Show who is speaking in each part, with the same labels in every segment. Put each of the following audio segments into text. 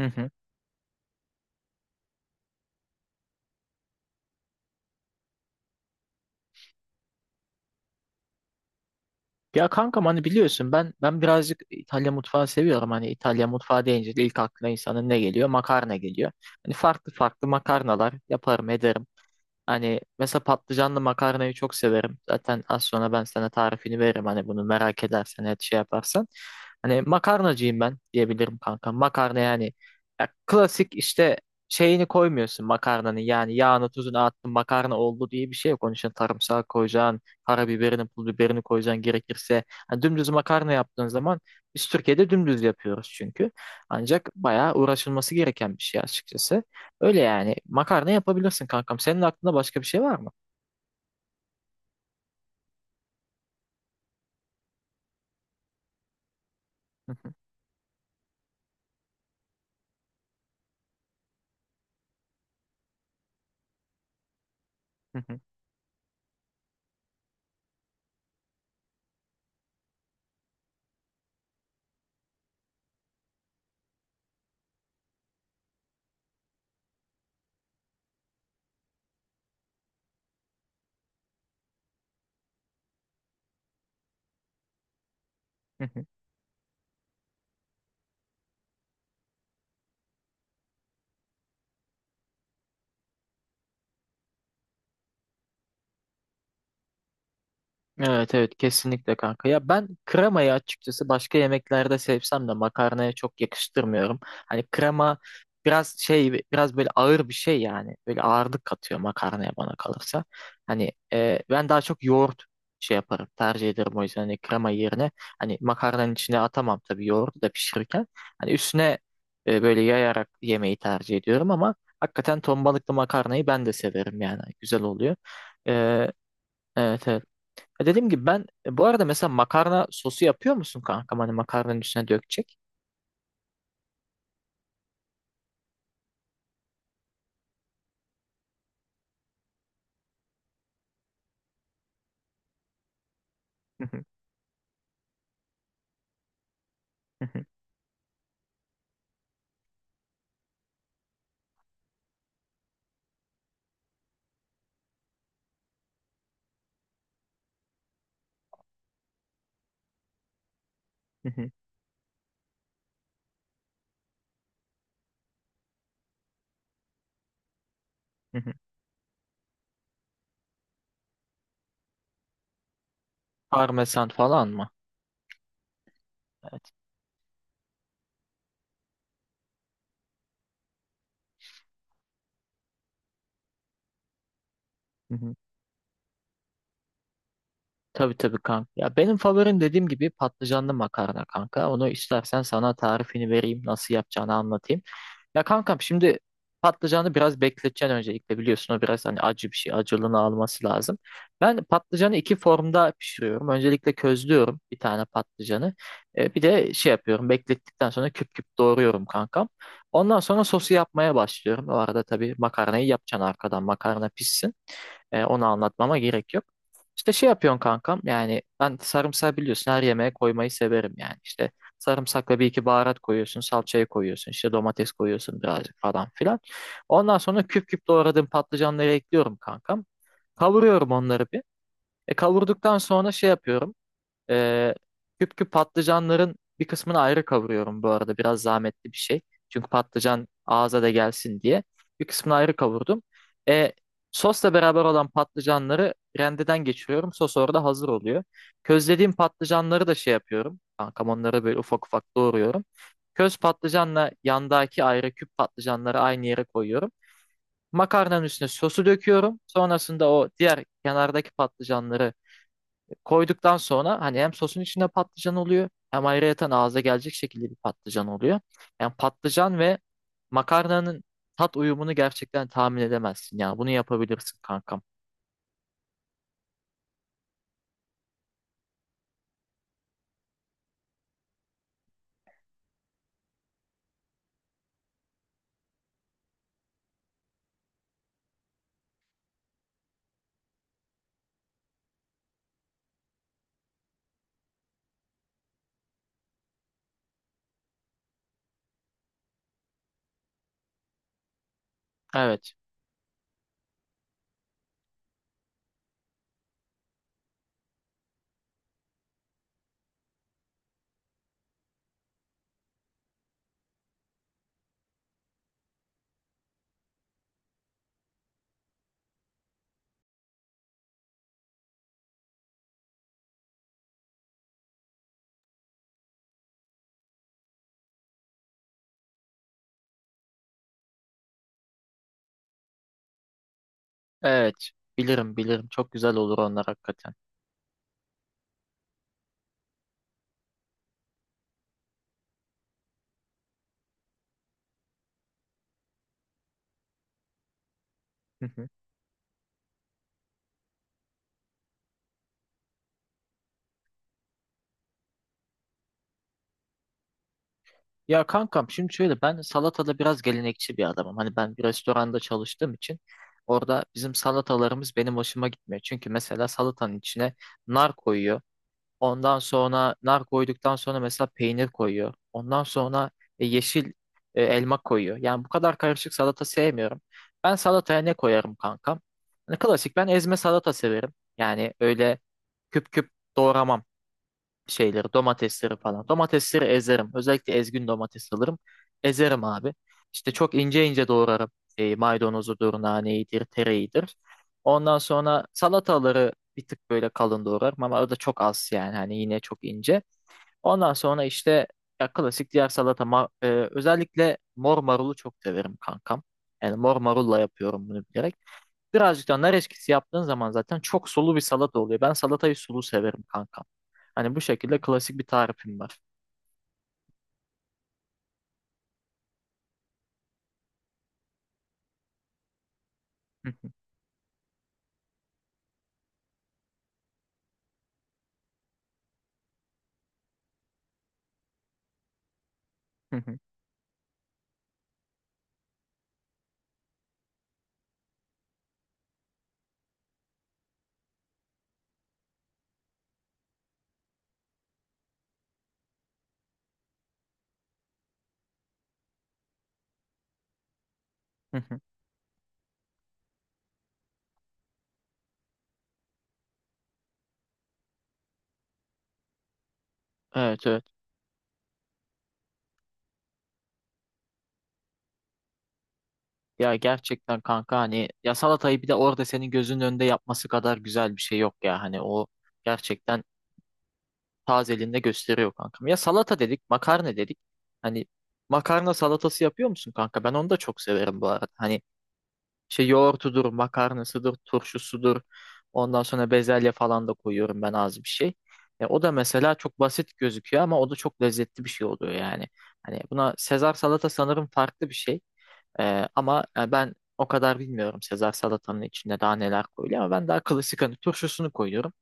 Speaker 1: Hı hı. Ya kankam hani biliyorsun ben birazcık İtalya mutfağı seviyorum. Hani İtalya mutfağı deyince de ilk aklına insanın ne geliyor? Makarna geliyor. Hani farklı farklı makarnalar yaparım ederim. Hani mesela patlıcanlı makarnayı çok severim. Zaten az sonra ben sana tarifini veririm. Hani bunu merak edersen, et şey yaparsan. Hani makarnacıyım ben diyebilirim kanka. Makarna yani ya klasik işte şeyini koymuyorsun makarnanın. Yani yağını tuzunu attın makarna oldu diye bir şey yok. Onun için sarımsağı koyacaksın, karabiberini, pul biberini koyacaksın gerekirse. Hani dümdüz makarna yaptığın zaman biz Türkiye'de dümdüz yapıyoruz çünkü. Ancak bayağı uğraşılması gereken bir şey açıkçası. Öyle yani. Makarna yapabilirsin kankam. Senin aklında başka bir şey var mı? Evet evet kesinlikle kanka. Ya ben kremayı açıkçası başka yemeklerde sevsem de makarnaya çok yakıştırmıyorum. Hani krema biraz şey biraz böyle ağır bir şey yani. Böyle ağırlık katıyor makarnaya bana kalırsa. Hani ben daha çok yoğurt şey yaparım tercih ederim o yüzden hani krema yerine hani makarnanın içine atamam tabii yoğurdu da pişirirken. Hani üstüne böyle yayarak yemeği tercih ediyorum ama hakikaten ton balıklı makarnayı ben de severim yani. Güzel oluyor. E, evet evet. Dediğim gibi ben bu arada mesela makarna sosu yapıyor musun kankam? Hani makarnanın üstüne dökecek. Hı hı, hı hı, hı hı, hı hı. Parmesan falan mı? Evet. Hı hı. Tabii tabii kanka. Ya benim favorim dediğim gibi patlıcanlı makarna kanka. Onu istersen sana tarifini vereyim, nasıl yapacağını anlatayım. Ya kankam şimdi patlıcanı biraz bekleteceksin öncelikle biliyorsun o biraz hani acı bir şey acılığını alması lazım. Ben patlıcanı iki formda pişiriyorum. Öncelikle közlüyorum bir tane patlıcanı. Bir de şey yapıyorum beklettikten sonra küp küp doğruyorum kankam. Ondan sonra sosu yapmaya başlıyorum. O arada tabii makarnayı yapacaksın arkadan makarna pişsin. Onu anlatmama gerek yok. İşte şey yapıyorsun kankam yani ben sarımsağı biliyorsun her yemeğe koymayı severim yani. İşte sarımsakla bir iki baharat koyuyorsun, salçayı koyuyorsun, işte domates koyuyorsun birazcık falan filan. Ondan sonra küp küp doğradığım patlıcanları ekliyorum kankam. Kavuruyorum onları bir. Kavurduktan sonra şey yapıyorum. Ee, küp küp patlıcanların bir kısmını ayrı kavuruyorum bu arada. Biraz zahmetli bir şey. Çünkü patlıcan ağza da gelsin diye. Bir kısmını ayrı kavurdum. Ee, sosla beraber olan patlıcanları rendeden geçiriyorum. Sos orada hazır oluyor. Közlediğim patlıcanları da şey yapıyorum. Kankam onları böyle ufak ufak doğruyorum. Köz patlıcanla yandaki ayrı küp patlıcanları aynı yere koyuyorum. Makarnanın üstüne sosu döküyorum. Sonrasında o diğer kenardaki patlıcanları koyduktan sonra hani hem sosun içinde patlıcan oluyor hem ayrıyeten ağza gelecek şekilde bir patlıcan oluyor. Yani patlıcan ve makarnanın tat uyumunu gerçekten tahmin edemezsin ya. Bunu yapabilirsin kankam. Evet. Evet. Bilirim bilirim. Çok güzel olur onlar hakikaten. Hı hı. Ya kankam şimdi şöyle ben salatada biraz gelenekçi bir adamım. Hani ben bir restoranda çalıştığım için orada bizim salatalarımız benim hoşuma gitmiyor. Çünkü mesela salatanın içine nar koyuyor. Ondan sonra nar koyduktan sonra mesela peynir koyuyor. Ondan sonra yeşil elma koyuyor. Yani bu kadar karışık salata sevmiyorum. Ben salataya ne koyarım kankam? Hani klasik ben ezme salata severim. Yani öyle küp küp doğramam şeyleri, domatesleri falan. Domatesleri ezerim. Özellikle ezgün domates alırım. Ezerim abi. İşte çok ince ince doğrarım. Maydanozudur, naneydir, tereyidir. Ondan sonra salataları bir tık böyle kalın doğrarım ama o da çok az yani hani yine çok ince. Ondan sonra işte ya klasik diğer özellikle mor marulu çok severim kankam. Yani mor marulla yapıyorum bunu bilerek. Birazcık da nar eşkisi yaptığın zaman zaten çok sulu bir salata oluyor. Ben salatayı sulu severim kankam. Hani bu şekilde klasik bir tarifim var. Hı hı, hı hı, hı hı. Evet evet. Ya gerçekten kanka hani ya salatayı bir de orada senin gözünün önünde yapması kadar güzel bir şey yok ya. Hani o gerçekten tazeliğinde gösteriyor kankam. Ya salata dedik, makarna dedik. Hani makarna salatası yapıyor musun kanka? Ben onu da çok severim bu arada. Hani İşte yoğurtudur, makarnasıdır, turşusudur. Ondan sonra bezelye falan da koyuyorum ben az bir şey. O da mesela çok basit gözüküyor ama o da çok lezzetli bir şey oluyor yani. Hani buna Sezar salata sanırım farklı bir şey. Ama ben o kadar bilmiyorum Sezar salatanın içinde daha neler koyuluyor ama ben daha klasik hani turşusunu koyuyorum.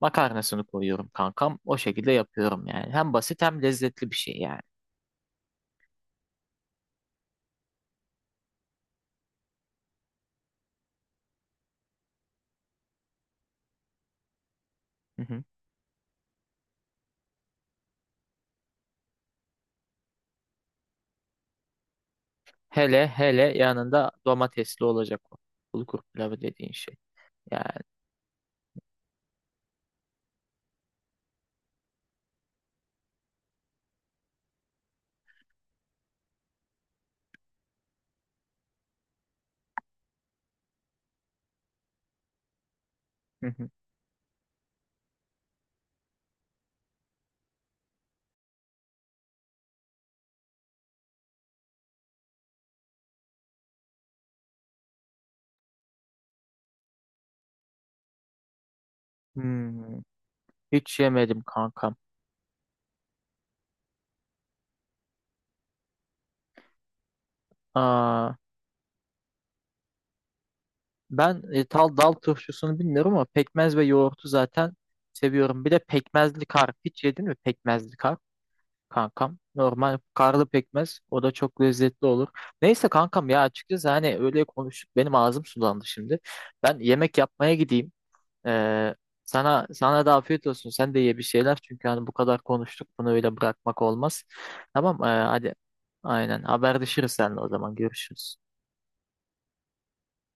Speaker 1: Makarnasını koyuyorum kankam. O şekilde yapıyorum yani. Hem basit hem lezzetli bir şey yani. Hı hı. Hele hele yanında domatesli olacak o. Bulgur pilavı dediğin şey. Yani. Hı hı. Hmm, hiç yemedim kankam. Aa, ben e, tal dal turşusunu bilmiyorum ama pekmez ve yoğurtu zaten seviyorum. Bir de pekmezli kar. Hiç yedin mi pekmezli kar kankam? Normal karlı pekmez. O da çok lezzetli olur. Neyse kankam ya açıkçası hani öyle konuştuk. Benim ağzım sulandı şimdi. Ben yemek yapmaya gideyim. Ee, sana da afiyet olsun. Sen de ye bir şeyler. Çünkü hani bu kadar konuştuk. Bunu öyle bırakmak olmaz. Tamam, hadi. Aynen. Haberleşiriz seninle o zaman. Görüşürüz.